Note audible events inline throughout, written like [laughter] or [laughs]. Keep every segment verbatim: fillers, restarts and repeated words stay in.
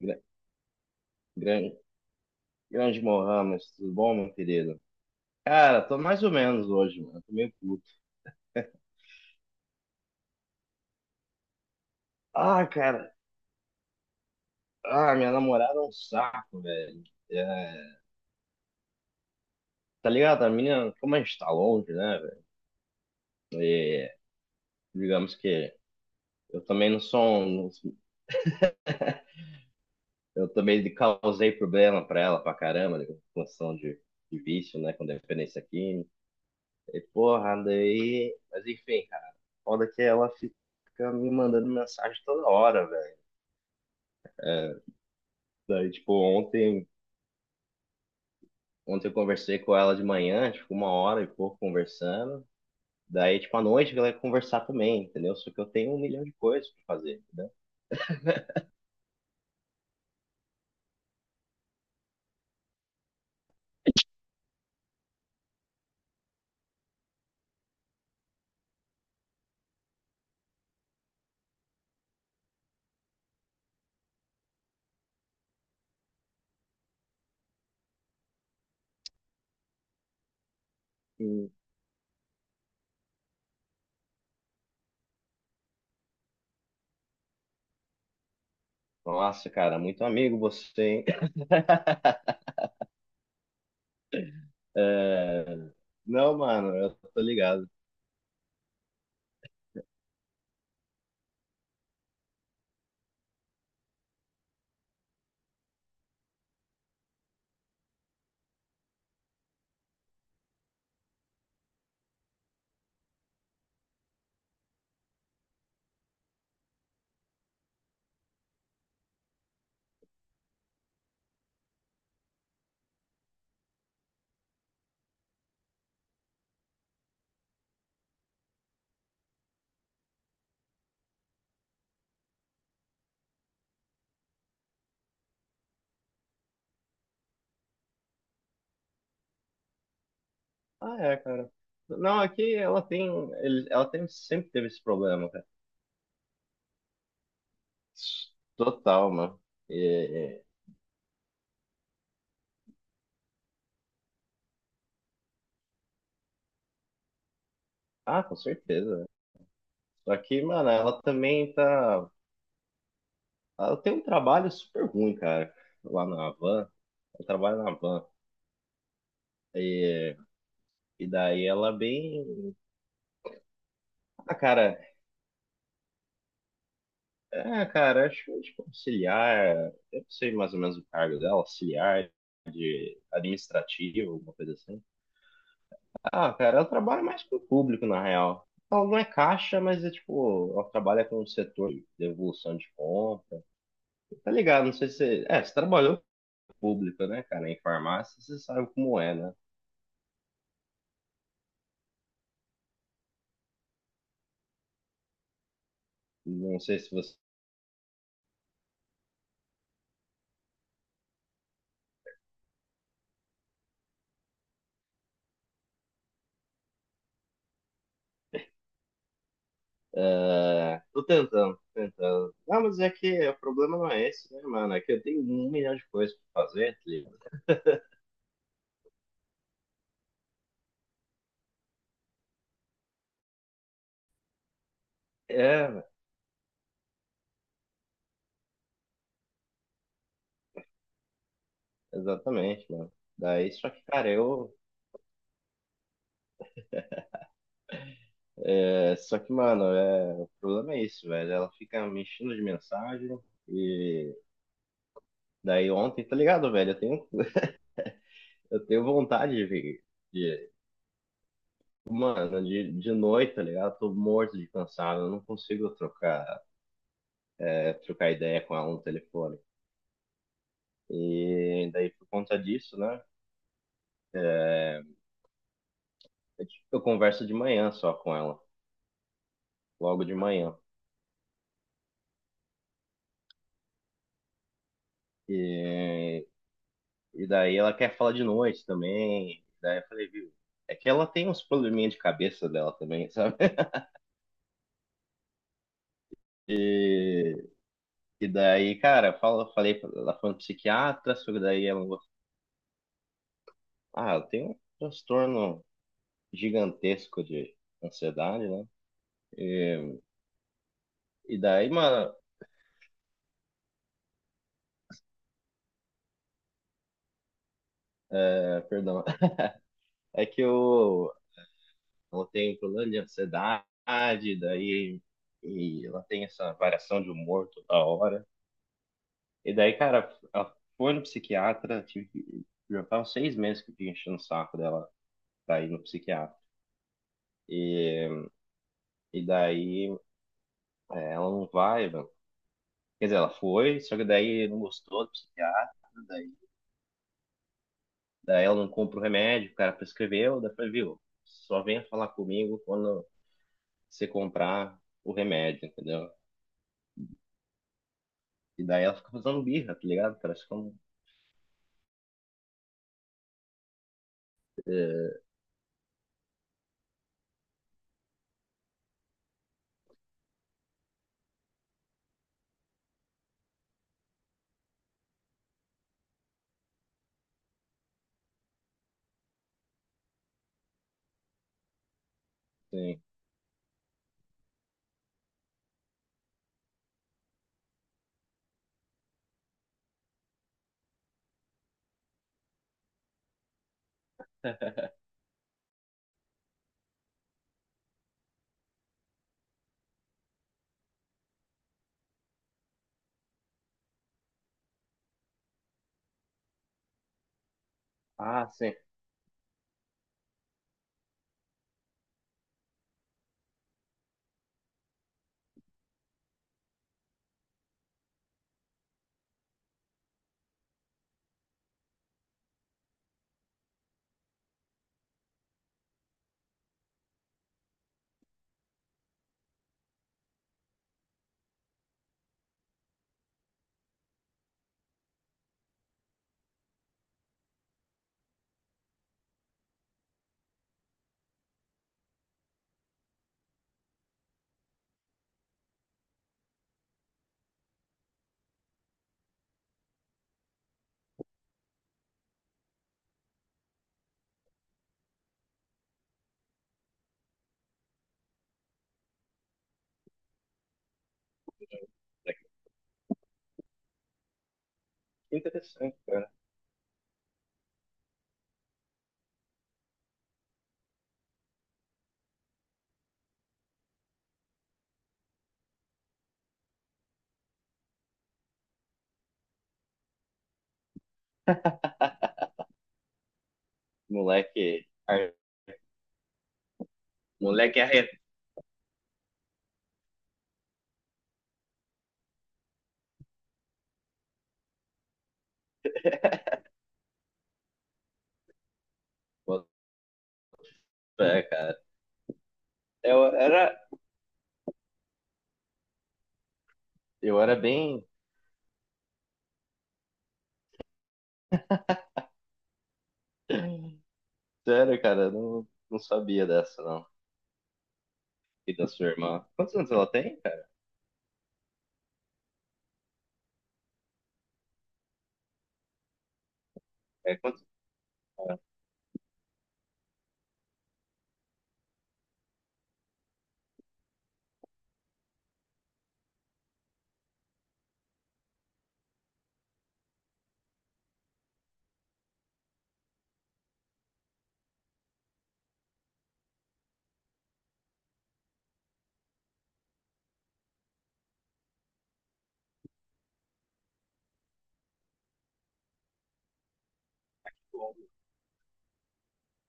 Gra- gran- Grande Mohamed, tudo bom, meu querido? Cara, tô mais ou menos hoje, mano. Tô meio puto. [laughs] Ah, cara. Ah, minha namorada é um saco, velho. É, tá ligado? A menina, como a gente tá longe, né, velho? E, digamos que eu também não sou um, eu também causei problema pra ela pra caramba, né, com função de, de vício, né? Com dependência química. E porra, daí. Mas enfim, cara. Foda que ela fica me mandando mensagem toda hora, velho. Daí, tipo, ontem. Ontem eu conversei com ela de manhã, tipo, uma hora e pouco conversando. Daí, tipo, à noite ela ia conversar também, entendeu? Só que eu tenho um milhão de coisas pra fazer, entendeu? E, nossa, cara, muito amigo você, hein? [laughs] É, não, mano, eu tô ligado. Ah, é, cara. Não, aqui ela tem, ele- ela tem, sempre teve esse problema, cara. Total, mano. E- e- Ah, com certeza. Só que, mano, ela também tá. Ela tem um trabalho super ruim, cara, lá na Havan. Ela trabalha na van. E, e daí ela é bem. Ah, cara, é, cara, acho que tipo, auxiliar. Eu não sei mais ou menos o cargo dela, auxiliar, administrativo, alguma coisa assim. Ah, cara, ela trabalha mais com o público, na real. Ela não é caixa, mas é tipo, ela trabalha com o setor de devolução de compra. Tá ligado? Não sei se. É, você trabalhou com o público, né, cara? Em farmácia, você sabe como é, né? Não sei se você. É, tô tentando, tentando. Não, mas é que o problema não é esse, né, mano? É que eu tenho um milhão de coisas pra fazer, tá ligado? É, exatamente, mano. Daí, só que, cara, eu. É, só que, mano, é, o problema é isso, velho. Ela fica me enchendo de mensagem. E daí ontem, tá ligado, velho? Eu tenho, eu tenho vontade de, ver- de. Mano, de, de noite, tá ligado? Tô morto de cansado. Eu não consigo trocar, é, trocar ideia com ela no telefone. E daí, por conta disso, né? Eu, tipo, eu converso de manhã só com ela, logo de manhã. E, e daí ela quer falar de noite também. Daí eu falei, viu? É que ela tem uns probleminha de cabeça dela também, sabe? [laughs] E, e daí, cara, fala, falei, pra- ela foi no psiquiatra, só que daí ela, falou, ah, eu tenho um transtorno gigantesco de ansiedade, né? E, e daí, mano, é, perdão, [laughs] é que eu, ela tem um problema de ansiedade, daí e ela tem essa variação de humor toda hora. E daí, cara, ela foi no psiquiatra, tive, que- já faz uns seis meses que eu fiquei enchendo o saco dela pra ir no psiquiatra. E, e daí é, ela não vai, mano. Quer dizer, ela foi, só que daí não gostou do psiquiatra, daí, daí, ela não compra o remédio, o cara prescreveu, daí foi, viu, só venha falar comigo quando você comprar o remédio, entendeu? E daí ela fica fazendo birra, tá ligado? Parece que sim. Ah, sim. Moleque. Que interessante, cara. Moleque. ar- Moleque arreto. Bota cara. Eu era, eu era bem. Sério, cara. Eu não, não sabia dessa, não. E da sua irmã. Quantos anos ela tem, cara? É quantos.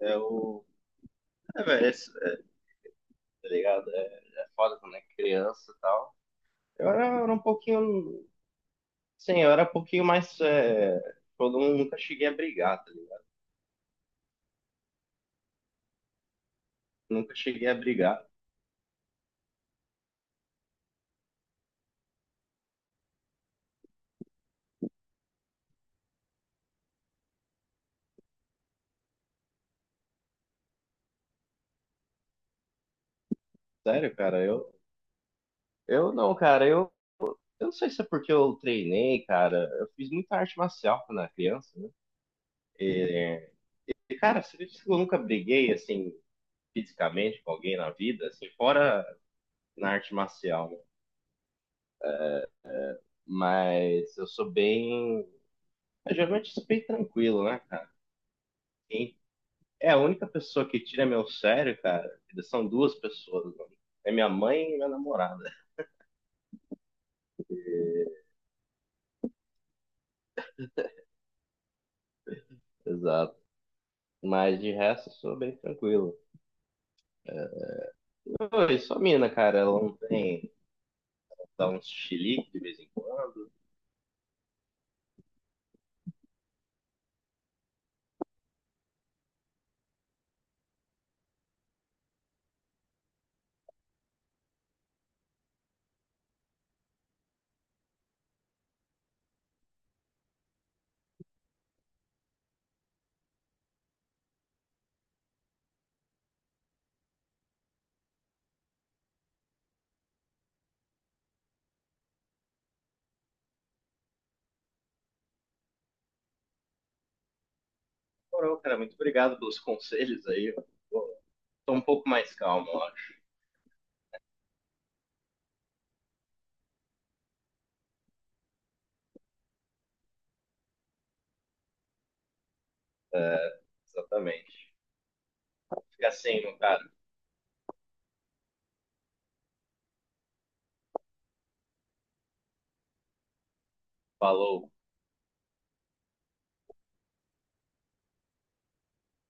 É o. É, velho, é, isso, é, tá ligado? É, é foda quando é criança e tal. Eu era, eu era um pouquinho. Sim, eu era um pouquinho mais. É, eu nunca cheguei a brigar, tá ligado? Nunca cheguei a brigar. Sério, cara. Eu, eu não, cara. Eu. Eu não sei se é porque eu treinei, cara. Eu fiz muita arte marcial quando era criança, né? E, cara, você acredita que eu nunca briguei, assim, fisicamente com alguém na vida, assim, fora na arte marcial, né? Mas eu sou bem. Eu geralmente sou bem tranquilo, né, cara? Quem é a única pessoa que tira meu sério, cara, são duas pessoas, mano. É minha mãe e minha namorada. [laughs] Exato. Mas de resto, eu sou bem tranquilo. Oi, só a mina, cara, ela não tem. Dá uns chilique de vez em quando. Moral, cara, muito obrigado pelos conselhos aí. Pô, tô um pouco mais calmo, eu acho. É, exatamente. Fica assim, cara. Falou.